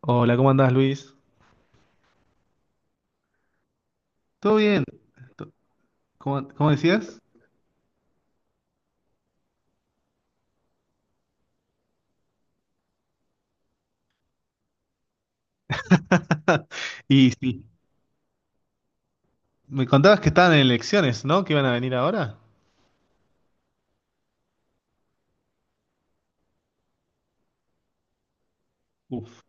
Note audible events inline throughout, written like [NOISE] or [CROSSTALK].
Hola, ¿cómo andás, Luis? ¿Todo bien? To- ¿cómo decías? [LAUGHS] Y sí, me contabas que estaban en elecciones, ¿no? Que iban a venir ahora. Uf.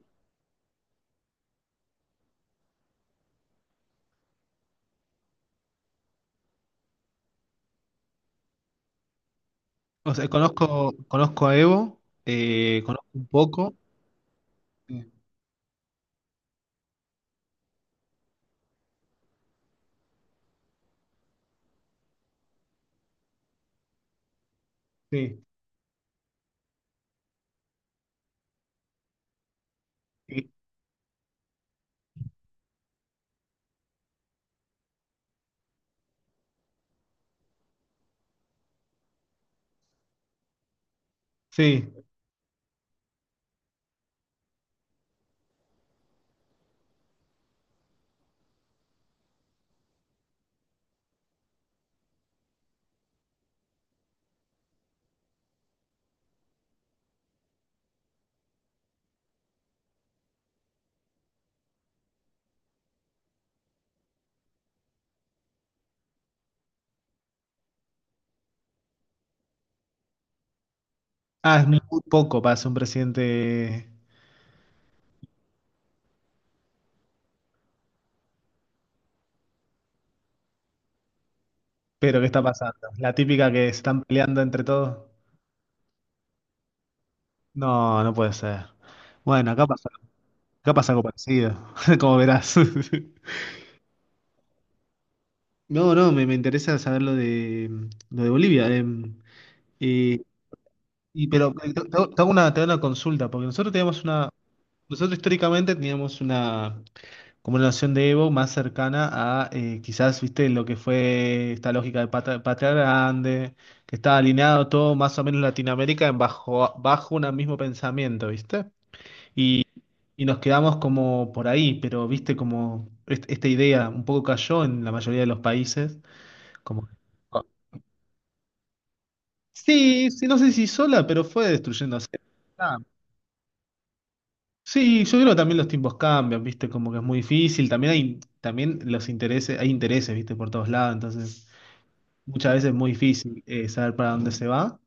O sea, conozco, conozco a Evo, conozco un poco. Sí, sí. Sí. Ah, es muy poco para ser un presidente. Pero, ¿qué está pasando? La típica que se están peleando entre todos. No, no puede ser. Bueno, acá pasa algo parecido, [LAUGHS] como verás. [LAUGHS] No, no, me interesa saber lo de, lo de Bolivia. Eh, pero te hago una consulta, porque nosotros teníamos una, nosotros históricamente teníamos una, como una noción de Evo más cercana a quizás, viste, lo que fue esta lógica de patria, grande, que estaba alineado todo más o menos Latinoamérica en bajo un mismo pensamiento, viste. Y, y nos quedamos como por ahí, pero viste como esta idea un poco cayó en la mayoría de los países. Como Sí, sí, no sé si sola, pero fue destruyéndose. Ah, sí, yo creo que también los tiempos cambian, ¿viste? Como que es muy difícil. También hay, también los intereses, hay intereses, ¿viste? Por todos lados, entonces muchas veces es muy difícil saber para dónde se va,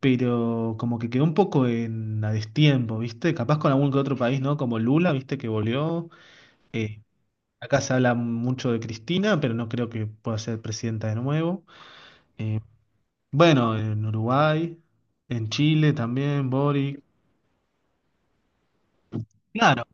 pero como que quedó un poco en a destiempo, ¿viste? Capaz con algún que otro país, ¿no? Como Lula, ¿viste? Que volvió. Eh, acá se habla mucho de Cristina, pero no creo que pueda ser presidenta de nuevo. Eh, bueno, en Uruguay, en Chile también, Boric. Claro.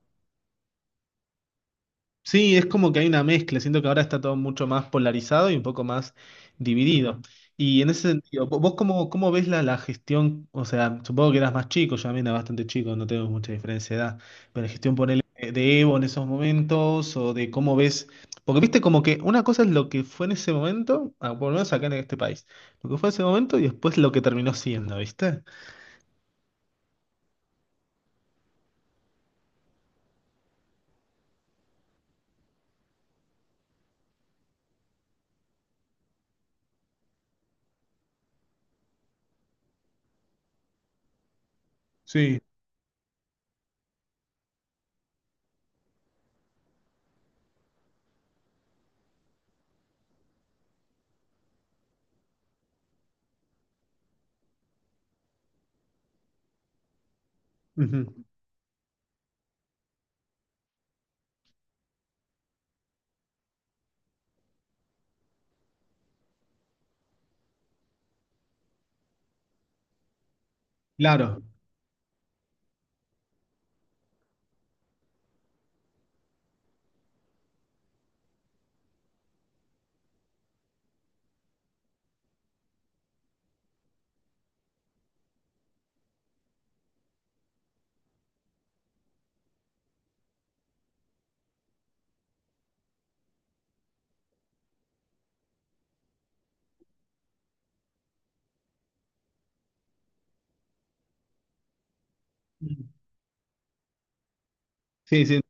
Sí, es como que hay una mezcla. Siento que ahora está todo mucho más polarizado y un poco más dividido. Y en ese sentido, ¿vos cómo, cómo ves la, la gestión? O sea, supongo que eras más chico, yo también era bastante chico, no tengo mucha diferencia de edad, pero la gestión por de Evo en esos momentos o de cómo ves, porque viste como que una cosa es lo que fue en ese momento, ah, por lo menos acá en este país, lo que fue en ese momento y después lo que terminó siendo, ¿viste? Sí. Ujú. Claro. Sí, sí,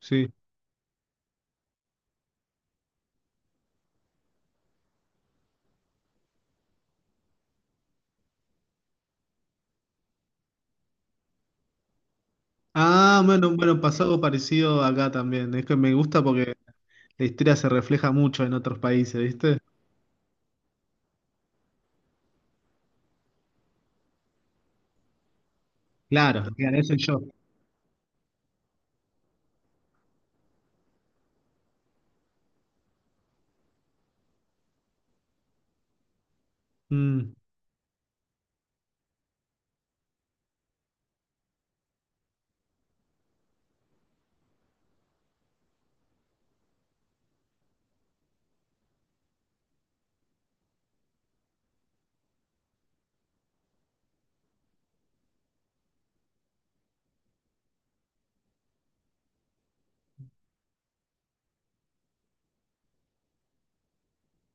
sí. Ah, bueno, bueno, pasó algo parecido acá también. Es que me gusta porque la historia se refleja mucho en otros países, ¿viste? Claro, claro, eso soy yo. Mm,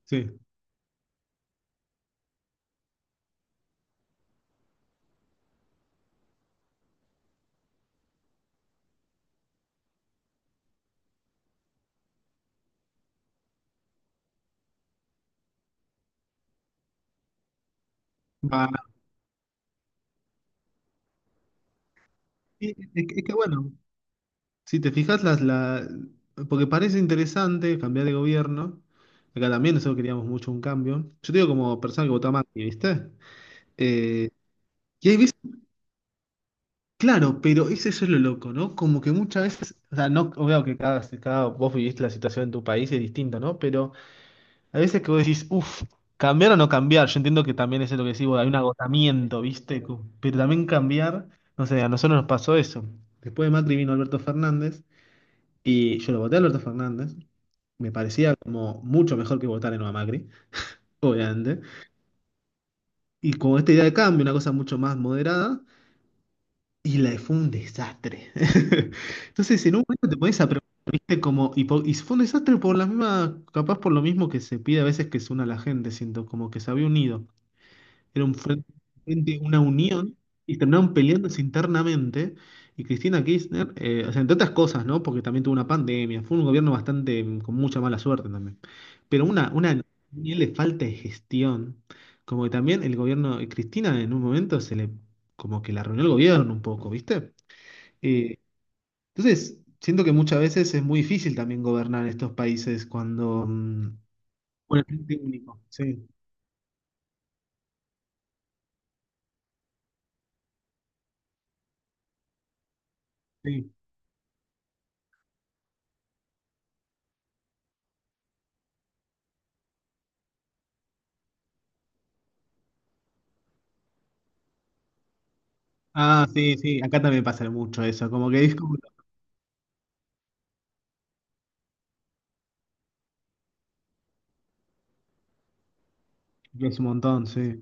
sí. Va. Y- es que bueno, si te fijas, la... porque parece interesante cambiar de gobierno. Acá también nosotros queríamos mucho un cambio. Yo te digo como persona que votó a Macri, ¿viste? Eh, y hay veces, claro, pero ese es lo loco, ¿no? Como que muchas veces, o sea, no, veo que cada, cada vos viviste la situación en tu país es distinto, ¿no? Pero hay veces que vos decís, uff, cambiar o no cambiar. Yo entiendo que también eso es lo que decís, vos, hay un agotamiento, ¿viste? Pero también cambiar, no sé, a nosotros nos pasó eso. Después de Macri vino Alberto Fernández y yo lo voté a Alberto Fernández. Me parecía como mucho mejor que votar en a Macri, obviamente. Y con esta idea de cambio, una cosa mucho más moderada, y la fue un desastre. [LAUGHS] Entonces, en un momento te pones a preguntar, ¿viste? Como, y fue un desastre por la misma, capaz por lo mismo que se pide a veces que se una la gente, siento, como que se había unido. Era un frente, una unión y terminaron peleándose internamente. Y Cristina Kirchner, o sea, entre otras cosas, ¿no? Porque también tuvo una pandemia, fue un gobierno bastante con mucha mala suerte también. Pero una nivel de falta de gestión, como que también el gobierno de Cristina en un momento se le, como que la arruinó el gobierno un poco, ¿viste? Eh, entonces, siento que muchas veces es muy difícil también gobernar estos países cuando... bueno, frente único, sí, sí. Ah, sí, sí, acá también pasa mucho eso, como que Discord es un montón, sí.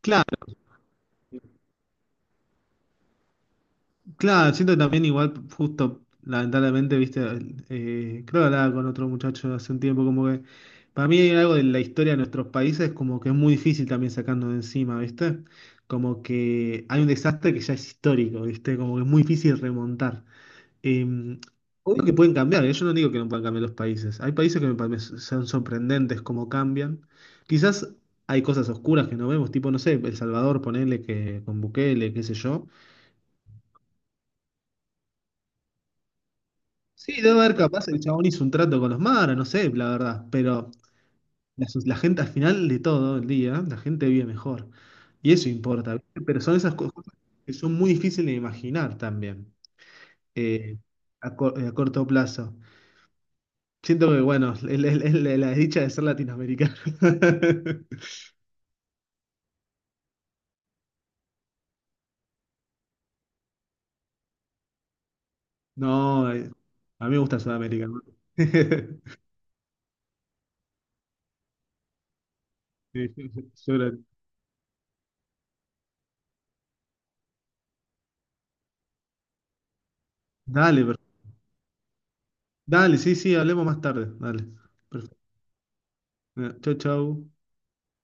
Claro, claro, siento también igual, justo, lamentablemente, viste, creo que hablaba con otro muchacho hace un tiempo, como que para mí hay algo de la historia de nuestros países, como que es muy difícil también sacarnos de encima, viste, como que hay un desastre que ya es histórico, viste, como que es muy difícil remontar. Eh, obvio que pueden cambiar, ¿eh? Yo no digo que no puedan cambiar los países. Hay países que me parecen son sorprendentes cómo cambian. Quizás hay cosas oscuras que no vemos, tipo, no sé, El Salvador, ponele que con Bukele, qué sé yo. Sí, debe haber capaz, el chabón hizo un trato con los maras, no sé, la verdad. Pero la gente al final de todo el día, la gente vive mejor. Y eso importa, ¿viste? Pero son esas cosas que son muy difíciles de imaginar también, eh, a corto plazo. Siento que, bueno, es la la desdicha de ser latinoamericano. [LAUGHS] No, a mí me gusta Sudamérica. ¿No? [LAUGHS] Sí, yo creo- Dale, dale, sí, sí, hablemos más tarde. Dale. Perfecto. Chau, chau.